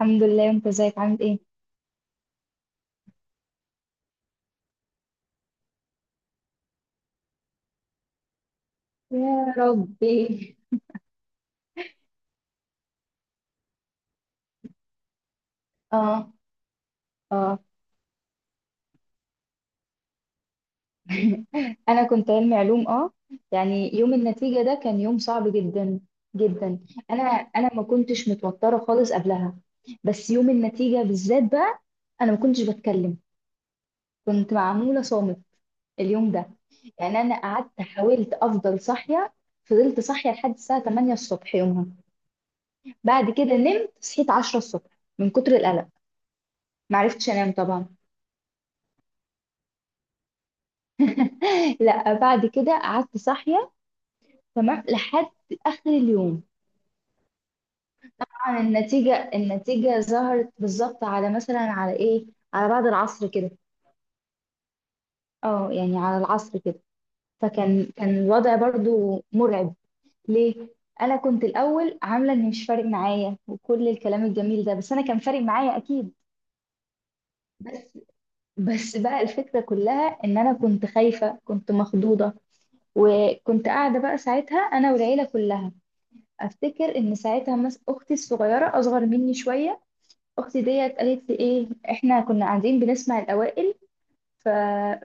الحمد لله. انت ازيك عامل ايه؟ يا ربي. اه. اه. انا كنت علمي علوم، اه. يعني يوم النتيجة ده كان يوم صعب جدا جدا. انا انا ما كنتش متوترة خالص قبلها، بس يوم النتيجة بالذات بقى انا ما كنتش بتكلم، كنت معمولة صامت اليوم ده. يعني انا قعدت حاولت افضل صاحية، فضلت صاحية لحد الساعة 8 الصبح يومها. بعد كده نمت، صحيت 10 الصبح، من كتر القلق ما عرفتش انام طبعا. لا، بعد كده قعدت صاحية تمام لحد آخر اليوم. طبعا النتيجة ظهرت بالظبط على مثلا على إيه، على بعد العصر كده. اه يعني على العصر كده. فكان الوضع برضو مرعب. ليه؟ أنا كنت الأول عاملة إن مش فارق معايا وكل الكلام الجميل ده، بس أنا كان فارق معايا أكيد. بس بس بقى الفكرة كلها إن أنا كنت خايفة، كنت مخضوضة. وكنت قاعدة بقى ساعتها أنا والعيلة كلها. افتكر ان ساعتها اختي الصغيره اصغر مني شويه، اختي ديت قالت لي ايه، احنا كنا قاعدين بنسمع الاوائل. ف...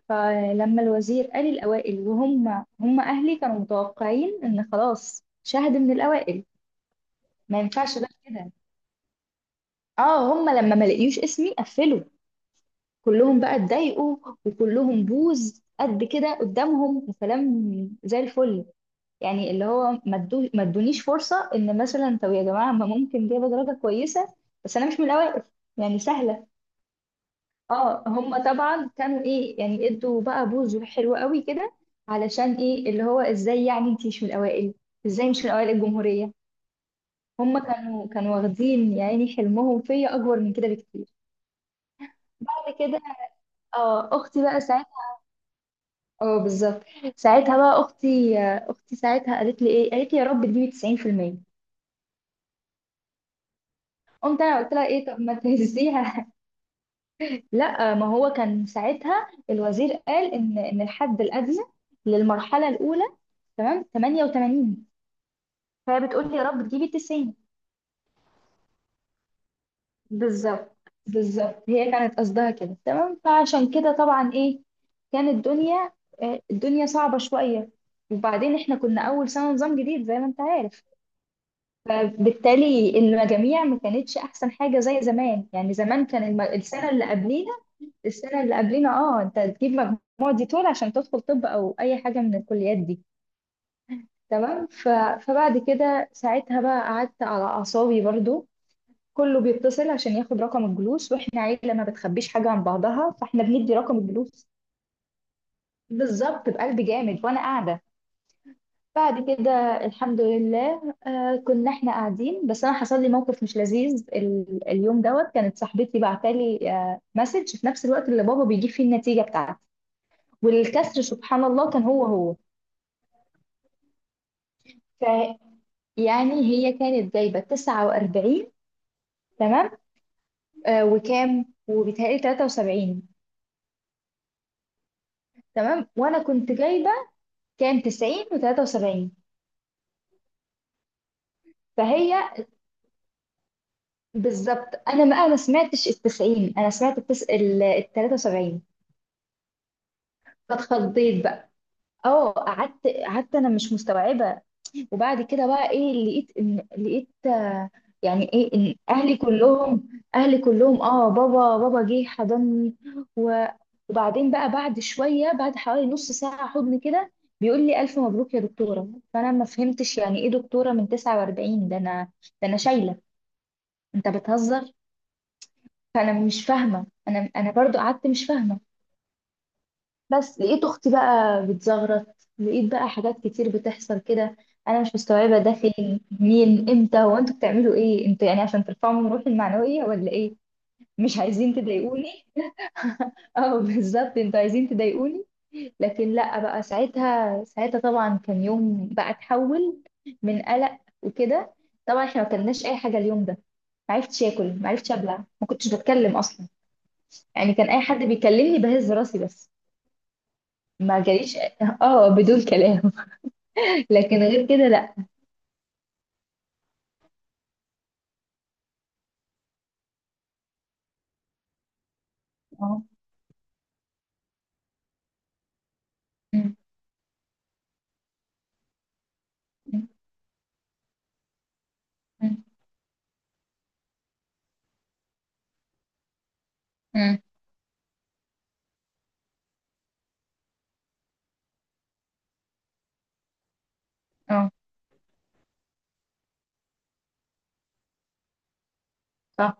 فلما الوزير قال الاوائل وهم اهلي كانوا متوقعين ان خلاص شاهد من الاوائل، ما ينفعش بقى كده. اه، هم لما ما لقيوش اسمي قفلوا، كلهم بقى اتضايقوا، وكلهم بوز قد كده قدامهم وكلام، زي الفل. يعني اللي هو ما تدونيش فرصة ان مثلا، طب يا جماعة ما ممكن جايبة درجة كويسة، بس انا مش من الاوائل، يعني سهلة. اه، هم طبعا كانوا ايه، يعني ادوا بقى بوز حلو قوي كده، علشان ايه اللي هو ازاي يعني انتي مش من الاوائل، ازاي مش من اوائل الجمهورية. هم كانوا واخدين يا عيني حلمهم فيا اكبر من كده بكتير. بعد كده، اه، اختي بقى ساعتها، اه بالظبط. ساعتها بقى اختي ساعتها قالت لي ايه، قالت لي يا رب تجيبي 90%. قمت انا قلت لها ايه، طب ما تهزيها. لا، ما هو كان ساعتها الوزير قال ان الحد الادنى للمرحله الاولى تمام 88، فهي بتقول لي يا رب تجيبي 90. بالظبط، بالظبط، هي كانت قصدها كده تمام، فعشان كده طبعا ايه، كانت الدنيا صعبه شويه. وبعدين احنا كنا اول سنه نظام جديد زي ما انت عارف، فبالتالي المجاميع ما كانتش احسن حاجه زي زمان. يعني زمان كان السنه اللي قبلينا، السنة اللي قبلينا، اه، انت تجيب مجموع دي طول عشان تدخل طب او اي حاجة من الكليات دي. تمام. فبعد كده ساعتها بقى قعدت على اعصابي برضو. كله بيتصل عشان ياخد رقم الجلوس، واحنا عيلة ما بتخبيش حاجة عن بعضها، فاحنا بندي رقم الجلوس بالظبط، بقلب جامد وانا قاعدة. بعد كده، الحمد لله، آه، كنا احنا قاعدين، بس انا حصل لي موقف مش لذيذ. اليوم دوت كانت صاحبتي بعتالي آه مسج في نفس الوقت اللي بابا بيجيب فيه النتيجة بتاعته، والكسر سبحان الله كان هو هو. فيعني هي كانت جايبة 49 تمام، آه، وكام، وبيتهيألي 73. تمام، وأنا كنت جايبة كام، 90 و73. فهي بالظبط، أنا ما سمعتش ال 90، أنا سمعت ال 73، فاتخضيت بقى. اه، قعدت أنا مش مستوعبة. وبعد كده بقى ايه، لقيت ان لقيت. يعني ايه، ان اهلي كلهم، اه، بابا جه حضني و- وبعدين بقى بعد شويه، بعد حوالي نص ساعه حضن كده، بيقول لي الف مبروك يا دكتوره. فانا ما فهمتش يعني ايه دكتوره من 49، ده انا، ده انا شايله انت بتهزر. فانا مش فاهمه، انا برضو قعدت مش فاهمه. بس لقيت اختي بقى بتزغرط، لقيت بقى حاجات كتير بتحصل كده، انا مش مستوعبه ده فين مين امتى، هو انتوا بتعملوا ايه، انتوا يعني عشان ترفعوا من روحي المعنويه ولا ايه، مش عايزين تضايقوني؟ اه بالظبط، انتوا عايزين تضايقوني. لكن لا، بقى ساعتها طبعا كان يوم بقى اتحول من قلق وكده. طبعا احنا ما كلناش اي حاجه اليوم ده، ما عرفتش اكل، ما عرفتش ابلع، ما كنتش بتكلم اصلا. يعني كان اي حد بيكلمني بهز راسي بس، ما جاليش، اه، بدون كلام. لكن غير كده لا. اه. مم. مم. مم. مم. اه، صح.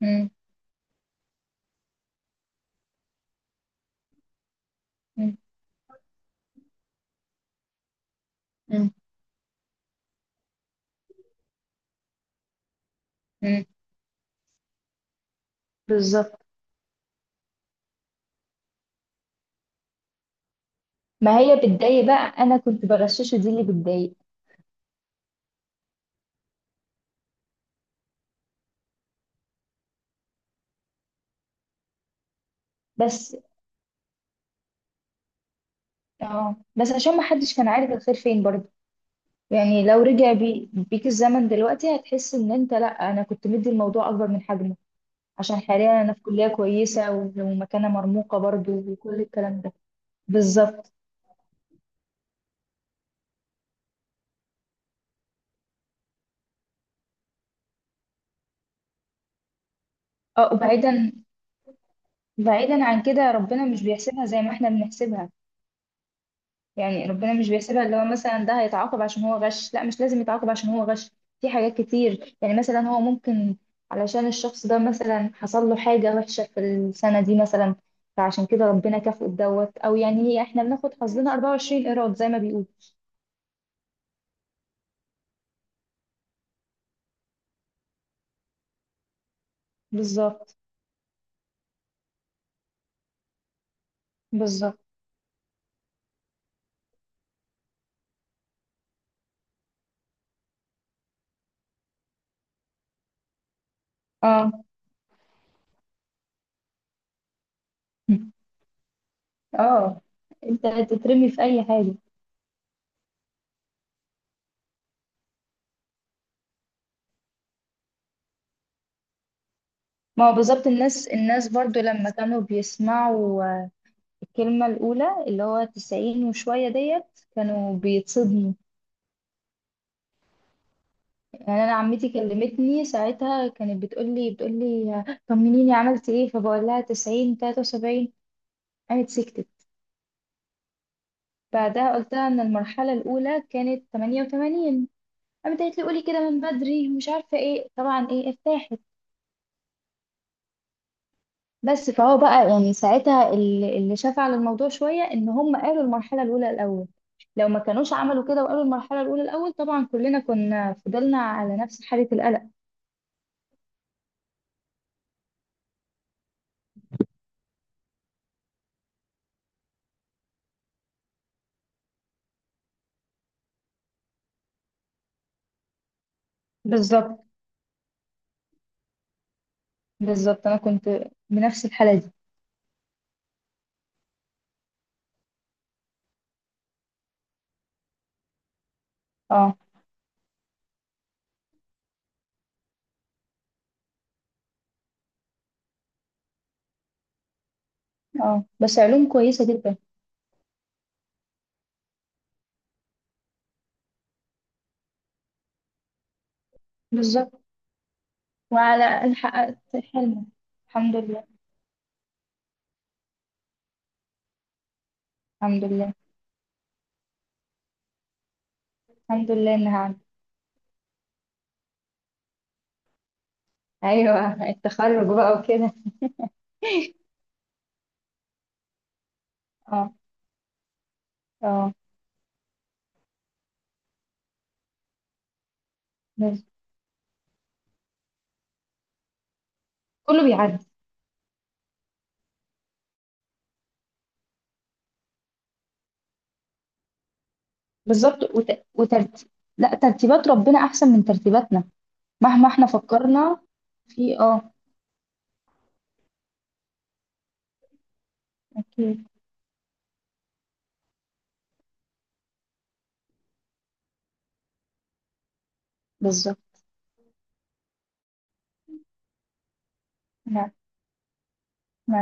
مم. مم. مم. مم. بالظبط. ما هي بتضايق بقى، انا كنت بغششه، دي اللي بتضايق. بس، اه، عشان ما حدش كان عارف الخير فين برضه. يعني لو رجع بيك الزمن دلوقتي، هتحس ان انت لا. انا كنت مدي الموضوع اكبر من حجمه، عشان حاليا انا في كلية كويسة ومكانة مرموقة برضه وكل الكلام ده. بالظبط. اه وبعيدا، بعيدا عن كده، ربنا مش بيحسبها زي ما احنا بنحسبها. يعني ربنا مش بيحسبها اللي هو مثلا ده هيتعاقب عشان هو غش، لا، مش لازم يتعاقب عشان هو غش. في حاجات كتير، يعني مثلا هو ممكن علشان الشخص ده مثلا حصل له حاجة وحشة في السنة دي مثلا، فعشان كده ربنا كافئه بدوت. او يعني هي احنا بناخد حظنا 24 قيراط زي ما بيقول. بالظبط، بالظبط. اه، اه. انت تترمي في اي حاجة. ما هو بالظبط، الناس برضو لما كانوا بيسمعوا الكلمة الأولى اللي هو 90 وشوية ديت كانوا بيتصدموا. يعني انا عمتي كلمتني ساعتها، كانت بتقول لي، طمنيني عملت ايه، فبقول لها 90 73، قامت سكتت. بعدها قلت لها ان المرحله الاولى كانت 88، قامت قالت لي قولي كده من بدري مش عارفه ايه، طبعا ايه ارتاحت. بس فهو بقى يعني ساعتها اللي شاف على الموضوع شويه ان هم قالوا المرحله الاولى الاول. لو ما كانوش عملوا كده وقالوا المرحله الاولى الاول، طبعا كلنا كنا فضلنا على نفس حاله القلق. بالظبط، بالظبط، انا كنت بنفس الحاله دي. اه، اه. بس علوم كويسة جدا. بالظبط. وعلى الأقل حققت حلمي، الحمد لله. الحمد لله. الحمد لله إنها عدت. أيوة، التخرج بقى وكده. اه. اه. بس كله بيعدي. بالظبط. لا، ترتيبات ربنا أحسن من ترتيباتنا، مهما احنا فكرنا في، اه. أكيد. بالظبط. نعم، نعم.